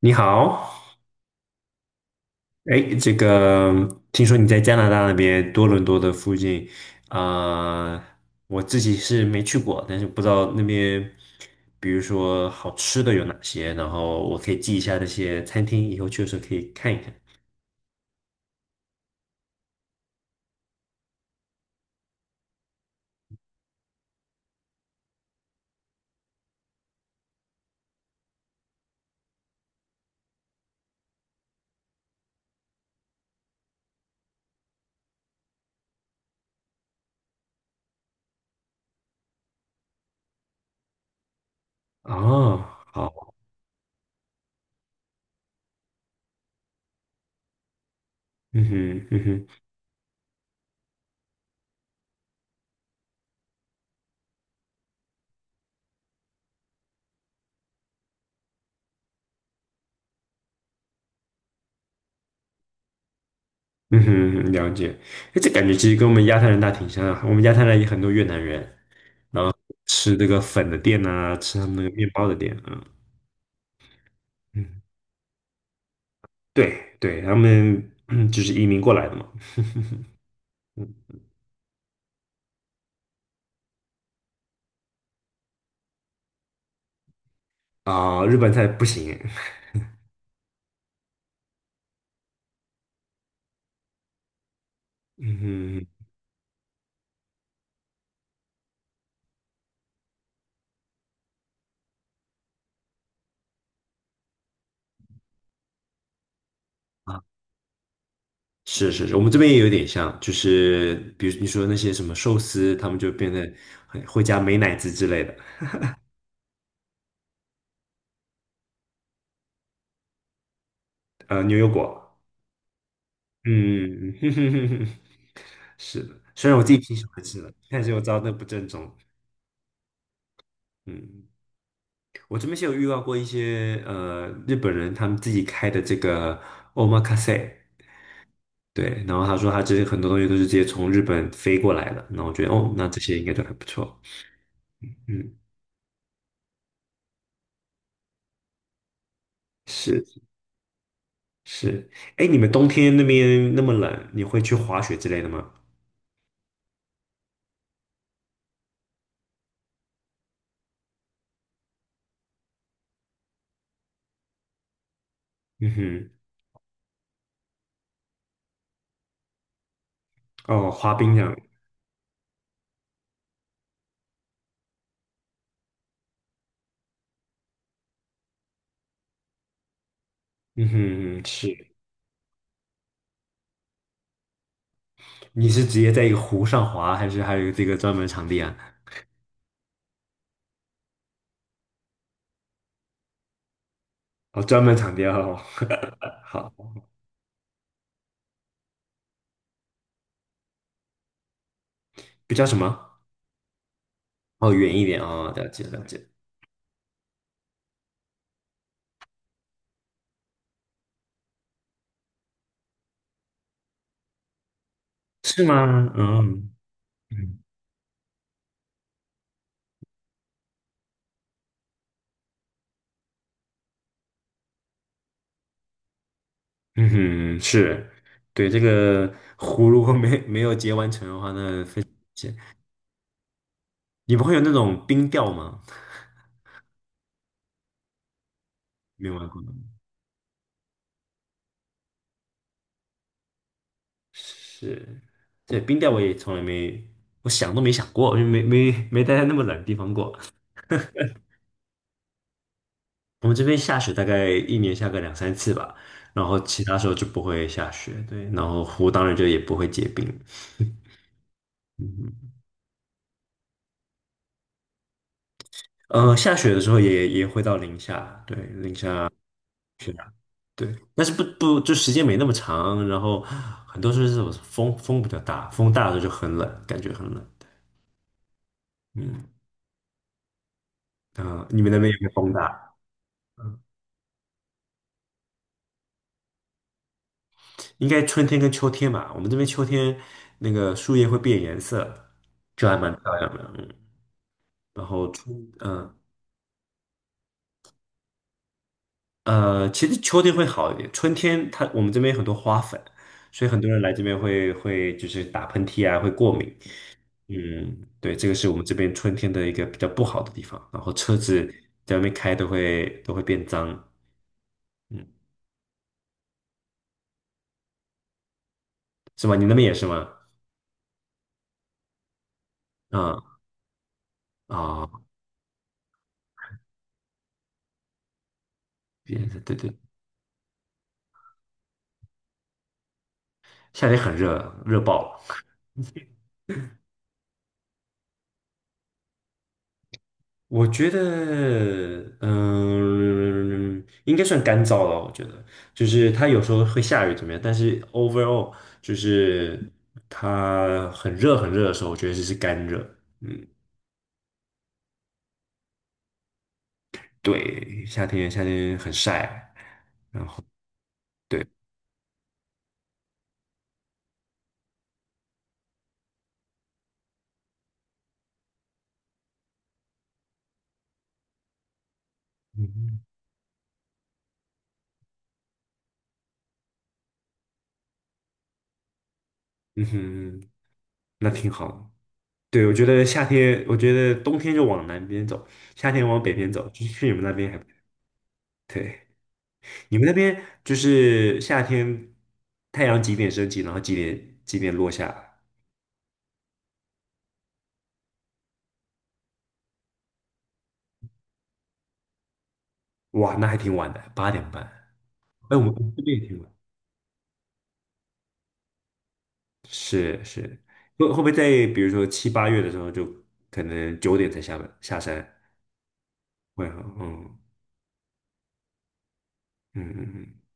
你好，哎，这个听说你在加拿大那边多伦多的附近，啊、我自己是没去过，但是不知道那边，比如说好吃的有哪些，然后我可以记一下那些餐厅，以后去的时候可以看一看。哦，好，嗯哼，嗯哼，嗯哼，了解。哎，这感觉其实跟我们亚太人大挺像的，我们亚太人也很多越南人吃这个粉的店啊，吃他们那个面包的店啊，嗯对对，他们 就是移民过来的嘛，嗯啊、日本菜不行，嗯啊，是是是，我们这边也有点像，就是比如你说那些什么寿司，他们就变得很会加美乃滋之类的，牛油果，嗯，是的，虽然我自己挺喜欢吃的，但是我知道那不正宗，嗯，我这边是有遇到过一些日本人他们自己开的这个 omakase。对，然后他说他这些很多东西都是直接从日本飞过来的，那我觉得哦，那这些应该都还不错。嗯，是是，哎，你们冬天那边那么冷，你会去滑雪之类的吗？嗯哼，哦，滑冰这样，嗯哼，嗯是，你是直接在一个湖上滑，还是还有这个专门场地啊？哦，专门场地哦，好，比较什么？哦，远一点哦，了解了解，是吗？嗯嗯嗯哼，是，对，这个 湖如果没有结完成的话，那非常危险。你不会有那种冰钓吗？没玩过是，对，冰钓我也从来没，我想都没想过，就没待在那么冷的地方过。我们这边下雪大概一年下个两三次吧，然后其他时候就不会下雪，对，然后湖当然就也不会结冰。嗯哼，下雪的时候也会到零下，对，零下。对，但是不就时间没那么长，然后很多时候是这种风比较大，风大的时候就很冷，感觉很冷。嗯啊、你们那边有没有风大？嗯应该春天跟秋天吧。我们这边秋天那个树叶会变颜色，就还蛮漂亮的。嗯，然后其实秋天会好一点，春天它我们这边有很多花粉，所以很多人来这边会就是打喷嚏啊，会过敏。嗯，对，这个是我们这边春天的一个比较不好的地方，然后车子在外面开都会变脏，嗯，是吗？你那边也是吗？嗯啊，哦别的，对对，夏天很热，热爆了。我觉得，应该算干燥了。我觉得，就是它有时候会下雨怎么样，但是 overall 就是它很热很热的时候，我觉得这是干热。嗯，对，夏天很晒，然后。对。嗯嗯哼，那挺好的对，我觉得夏天，我觉得冬天就往南边走，夏天往北边走，就是去你们那边还不对。你们那边就是夏天，太阳几点升起，然后几点落下？哇，那还挺晚的，8:30。哎，我们这边也挺晚。是是，会不会在比如说七八月的时候，就可能9点才下班下山？会哈，嗯嗯嗯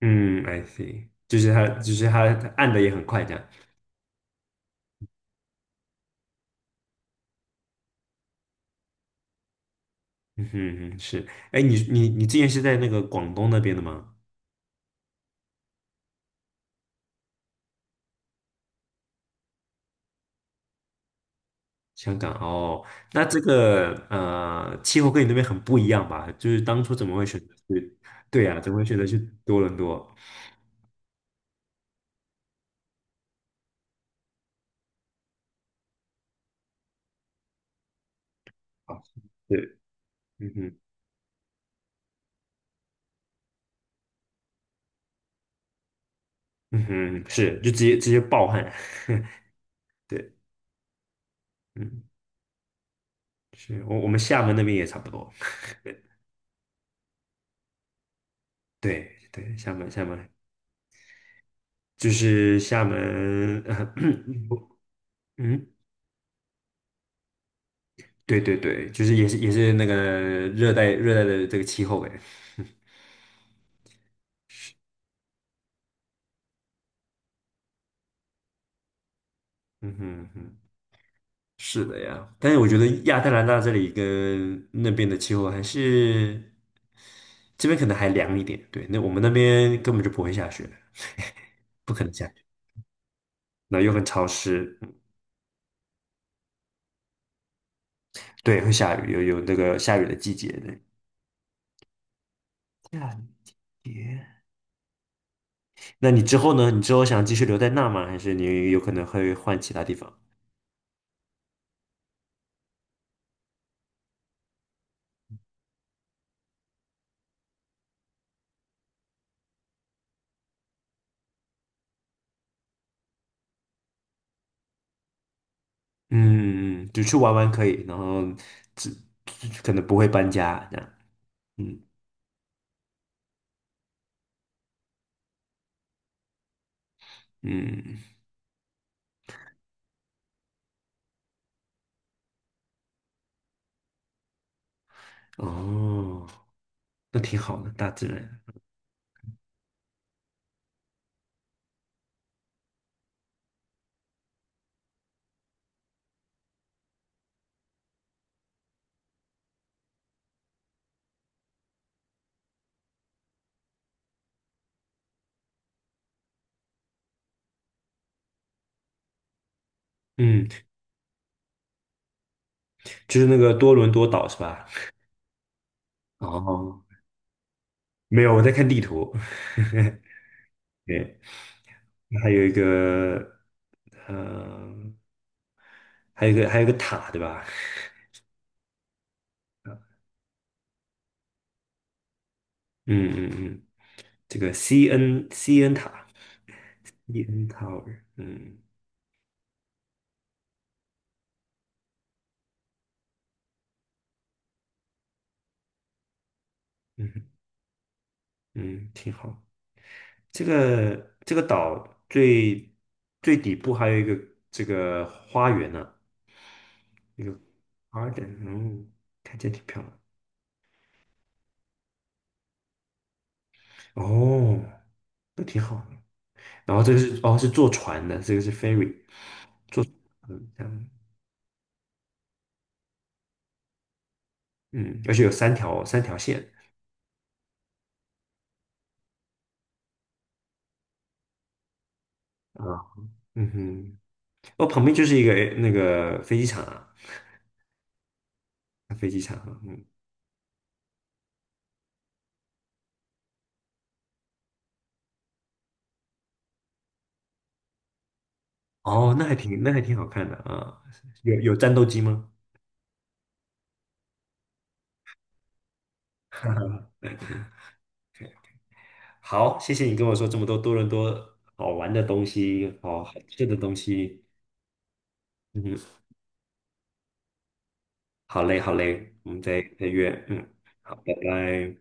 嗯嗯，I see，就是它暗的也很快这样。嗯哼，嗯哼，是，哎，你之前是在那个广东那边的吗？香港哦，那这个气候跟你那边很不一样吧？就是当初怎么会选择去？对呀、怎么会选择去多伦多？啊，对，嗯哼，嗯哼，是，就直接暴汗，对，嗯，是我们厦门那边也差不多，对对，厦门就是厦门，嗯，对对对，就是也是那个热带的这个气候哎。嗯哼嗯哼，是的呀，但是我觉得亚特兰大这里跟那边的气候还是这边可能还凉一点，对，那我们那边根本就不会下雪，不可能下雪，那又很潮湿，嗯对，会下雨，有那个下雨的季节的。下雨。那你之后呢？你之后想继续留在那吗？还是你有可能会换其他地方？嗯，嗯，就去玩玩可以，然后只可能不会搬家这样。嗯嗯，哦，那挺好的，大自然。嗯，就是那个多伦多岛是吧？哦，没有，我在看地图。对，还有一个，呃，还有一个塔，对吧？嗯嗯嗯，这个 CN CN 塔，CN Tower，嗯嗯嗯，挺好。这个岛最最底部还有一个这个花园呢、一个 garden，嗯，看起来挺漂亮。哦，那挺好。然后这个是坐船的，这个是 ferry，嗯，这样，嗯，而且有三条线啊，嗯哼，哦，旁边就是一个那个飞机场啊，飞机场啊嗯，哦，那还挺好看的啊，有战斗机吗？好，谢谢你跟我说这么多多伦多好玩的东西，好好吃的东西，嗯哼，好嘞好嘞，我们再约，嗯，好，拜拜。